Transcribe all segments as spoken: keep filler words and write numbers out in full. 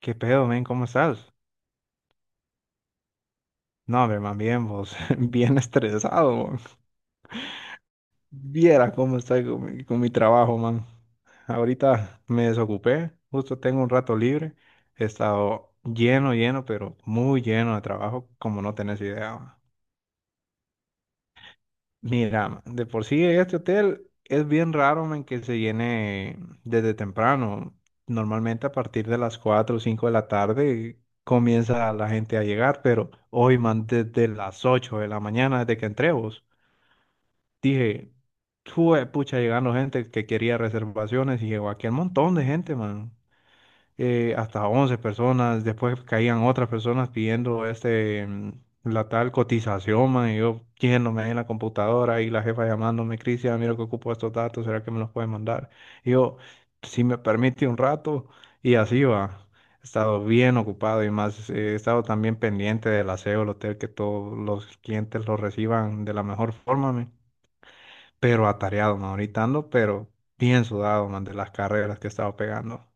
¿Qué pedo, men? ¿Cómo estás? No, hombre, man, bien, vos. Bien estresado, man. Viera cómo estoy con mi, con mi trabajo, man. Ahorita me desocupé, justo tengo un rato libre. He estado lleno, lleno, pero muy lleno de trabajo, como no tenés idea, man. Mira, de por sí este hotel es bien raro en que se llene desde temprano. Normalmente a partir de las cuatro, o cinco de la tarde comienza la gente a llegar, pero hoy, man, desde las ocho de la mañana, desde que entré vos, dije, "Jue pucha, llegando gente que quería reservaciones y llegó aquí un montón de gente, man, eh, hasta once personas, después caían otras personas pidiendo este, mm, la tal cotización, man, y yo yéndome ahí en la computadora y la jefa llamándome, Cristian, ah, mira que ocupo estos datos, ¿será que me los puede mandar? Y yo, si me permite un rato, y así va. He estado bien ocupado y más, eh, he estado también pendiente del aseo del hotel, que todos los clientes lo reciban de la mejor forma, men. Pero atareado, man, ahorita ando, pero bien sudado, man, de las carreras que he estado pegando.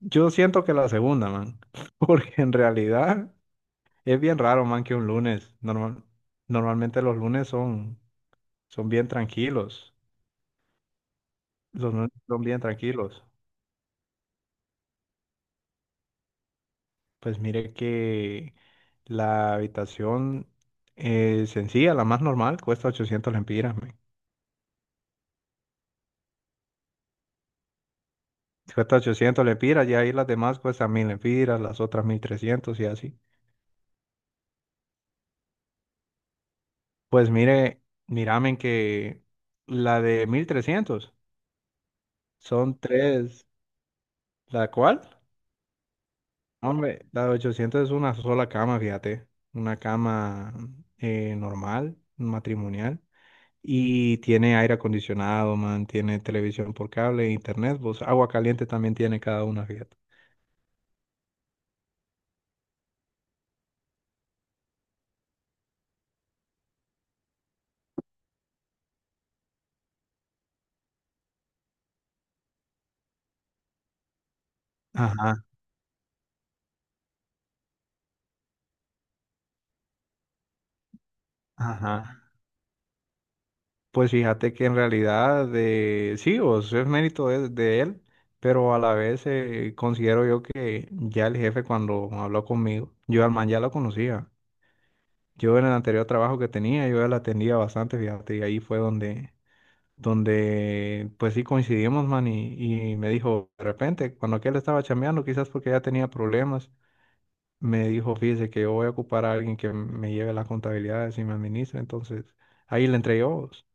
Yo siento que la segunda, man, porque en realidad es bien raro, man, que un lunes, normal, normalmente los lunes son, son bien tranquilos, los lunes son bien tranquilos. Pues mire que la habitación eh, sencilla, la más normal, cuesta ochocientos lempiras, man. Cuesta ochocientos lempiras y ahí las demás cuestan mil lempiras, las otras mil trescientos y así. Pues mire, miramen que la de mil trescientos son tres, ¿la cual? No, hombre, la de ochocientos es una sola cama, fíjate. Una cama eh, normal, matrimonial. Y tiene aire acondicionado, man. Tiene televisión por cable, internet. Pues agua caliente también tiene cada una, fíjate. Ajá, ajá. Pues fíjate que en realidad eh, sí, o sea, es mérito de, de él, pero a la vez eh, considero yo que ya el jefe cuando habló conmigo, yo al man ya lo conocía. Yo en el anterior trabajo que tenía, yo ya la atendía bastante, fíjate, y ahí fue donde donde pues sí coincidimos, man, y, y me dijo, de repente, cuando aquel estaba chambeando, quizás porque ya tenía problemas, me dijo, fíjese que yo voy a ocupar a alguien que me lleve las contabilidades y me administre, entonces ahí le entregué vos.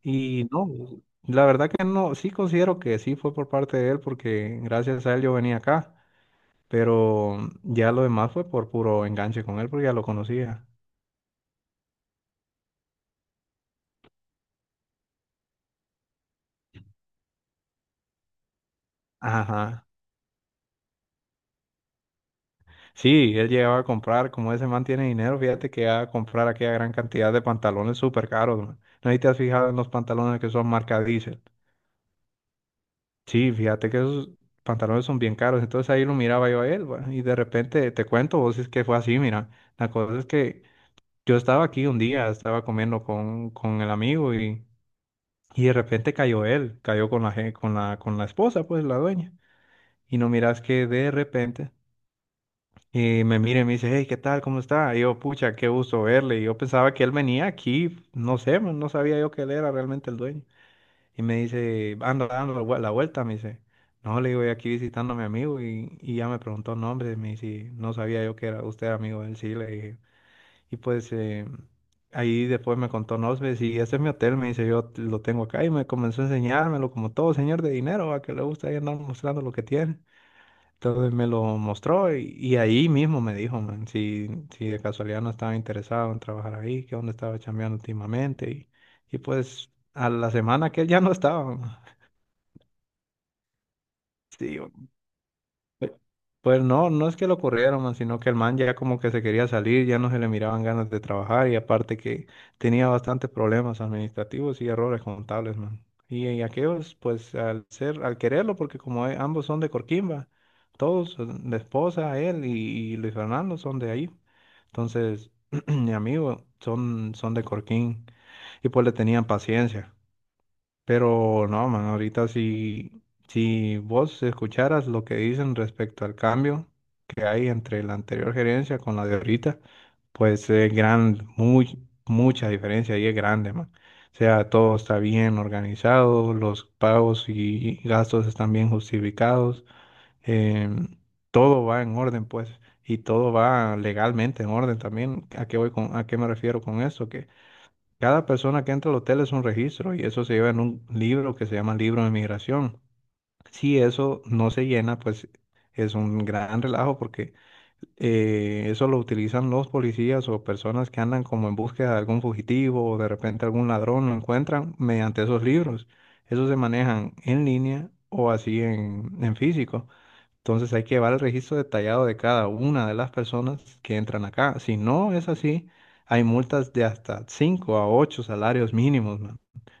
Y no, la verdad que no, sí considero que sí fue por parte de él, porque gracias a él yo venía acá, pero ya lo demás fue por puro enganche con él, porque ya lo conocía. Ajá. Sí, él llegaba a comprar, como ese man tiene dinero, fíjate que va a comprar aquella gran cantidad de pantalones súper caros, man. No sé si te has fijado en los pantalones que son marca Diesel. Sí, fíjate que esos pantalones son bien caros, entonces ahí lo miraba yo a él, bueno, y de repente te cuento, vos es que fue así, mira, la cosa es que yo estaba aquí un día, estaba comiendo con, con el amigo y, y de repente cayó él, cayó con la, gen- con la, con la esposa, pues la dueña, y no miras que de repente. Y me mira y me dice, hey, ¿qué tal? ¿Cómo está? Y yo, pucha, qué gusto verle. Y yo pensaba que él venía aquí, no sé, man, no sabía yo que él era realmente el dueño. Y me dice, ando dando la vue- la vuelta, me dice. No, le digo, "yo aquí visitando a mi amigo y, y ya me preguntó nombre, me dice, no sabía yo que era usted amigo de él, sí, le dije. Y pues eh, ahí después me contó nombres y este es mi hotel, me dice, yo lo tengo acá y me comenzó a enseñármelo como todo señor de dinero, a que le gusta ahí andar mostrando lo que tiene. Entonces me lo mostró y, y ahí mismo me dijo, man, si, si de casualidad no estaba interesado en trabajar ahí, que dónde estaba chambeando últimamente. Y, y pues a la semana que él ya no estaba, man. Sí, Pues pues no, no es que lo corrieron, man, sino que el man ya como que se quería salir, ya no se le miraban ganas de trabajar y aparte que tenía bastantes problemas administrativos y errores contables, man. Y, y aquellos, pues al ser, al quererlo, porque como e- ambos son de Corquimba, todos, eh, la esposa, él y, y Luis Fernando son de ahí. Entonces, mi amigo, son, son de Corquín y pues le tenían paciencia. Pero no, man, ahorita si, si vos escucharas lo que dicen respecto al cambio que hay entre la anterior gerencia con la de ahorita, pues es gran, muy, mucha diferencia y es grande, man. O sea, todo está bien organizado, los pagos y gastos están bien justificados, em, todo va en orden, pues, y todo va legalmente en orden también. ¿A qué voy con, a qué me refiero con eso? Cada persona que entra al hotel es un registro y eso se lleva en un libro que se llama libro de migración. Si eso no se llena, pues es un gran relajo porque eh, eso lo utilizan los policías o personas que andan como en búsqueda de algún fugitivo o de repente algún ladrón lo encuentran mediante esos libros. Esos se manejan en línea o así en, en físico. Entonces hay que llevar el registro detallado de cada una de las personas que entran acá. Si no es así, hay multas de hasta cinco a ocho salarios mínimos, man,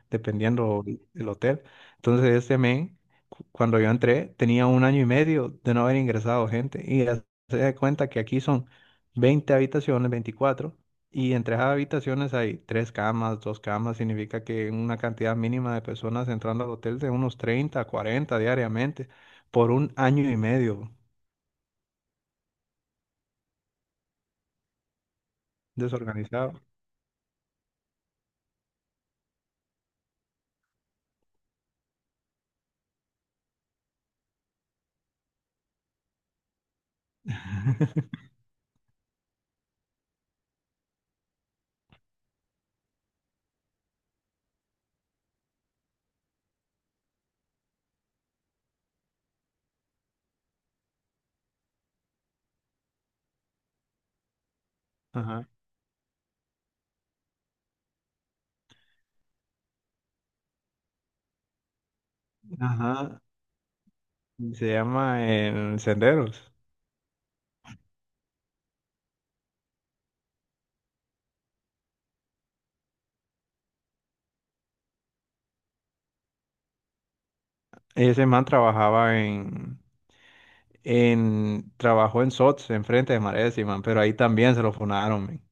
dependiendo el hotel. Entonces este men, cu- cuando yo entré, tenía un año y medio de no haber ingresado gente. Y ya se da cuenta que aquí son veinte habitaciones, veinticuatro. Y entre esas habitaciones hay tres camas, dos camas, significa que una cantidad mínima de personas entrando al hotel de unos treinta a cuarenta diariamente por un año y medio desorganizado. Ajá, ajá. Se llama en Senderos. Ese man trabajaba en, en, trabajó en SOTS, enfrente de Marea de man, pero ahí también se lo funaron, men.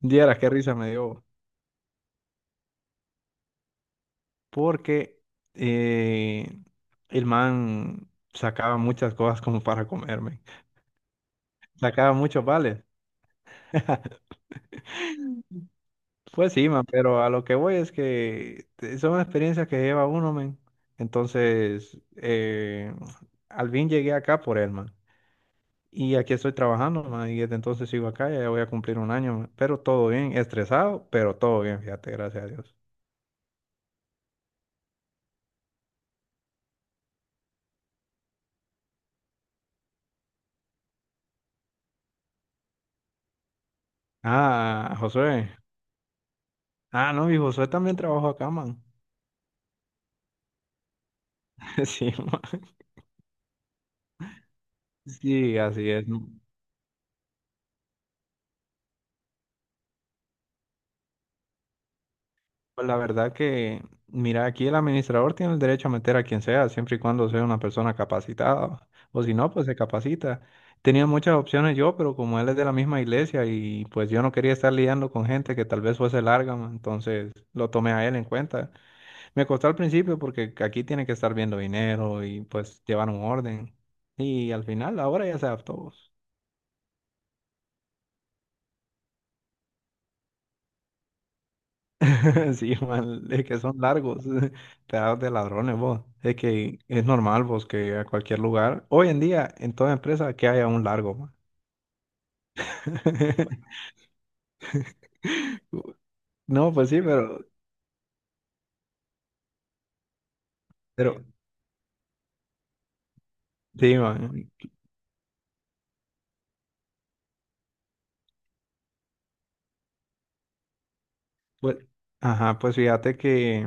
Dieras qué risa me dio. Porque eh, el man sacaba muchas cosas como para comerme. Sacaba muchos vales. Pues sí, man, pero a lo que voy es que te- son experiencias que lleva uno, man. Entonces, eh, al fin llegué acá por él, man. Y aquí estoy trabajando, man. Y desde entonces sigo acá, ya voy a cumplir un año, man. Pero todo bien, estresado, pero todo bien, fíjate, gracias a Dios. Ah, Josué. Ah, no, mi Josué también trabajó acá, man. Sí, man. Sí, así es. Pues la verdad que, mira, aquí el administrador tiene el derecho a meter a quien sea, siempre y cuando sea una persona capacitada, o si no, pues se capacita. Tenía muchas opciones yo, pero como él es de la misma iglesia y pues yo no quería estar lidiando con gente que tal vez fuese larga, ma, entonces lo tomé a él en cuenta. Me costó al principio porque aquí tiene que estar viendo dinero y pues llevar un orden. Y al final, ahora ya se adaptó. Sí, man, es que son largos, pedazos de ladrones, vos. Es que es normal, vos, que a cualquier lugar, hoy en día, en toda empresa, que haya un largo, man. No, pues sí, pero, pero, sí, man. Pues, ajá, pues fíjate que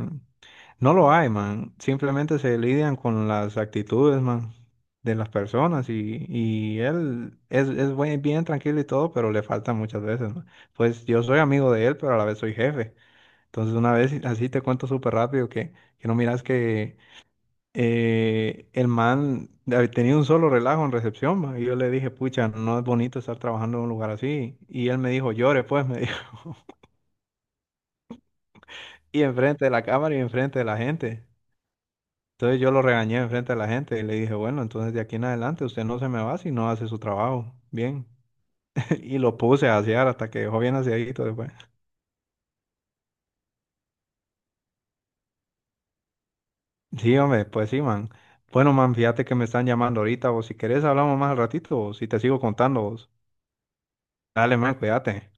no lo hay, man. Simplemente se lidian con las actitudes, man, de las personas y, y él es, es buen- bien tranquilo y todo, pero le falta muchas veces, man. Pues yo soy amigo de él, pero a la vez soy jefe. Entonces, una vez, así te cuento súper rápido que, que no miras que eh, el man había tenido un solo relajo en recepción. ma, Y yo le dije, pucha, no es bonito estar trabajando en un lugar así. Y él me dijo, llore pues, me dijo. Y enfrente de la cámara y enfrente de la gente. Entonces yo lo regañé enfrente de la gente y le dije, bueno, entonces de aquí en adelante usted no se me va si no hace su trabajo. Bien. Y lo puse a asear hasta que dejó bien aseadito después. Sí, hombre, pues sí, man. Bueno, man, fíjate que me están llamando ahorita, o si querés hablamos más al ratito, o si te sigo contando. Dale, man, cuídate.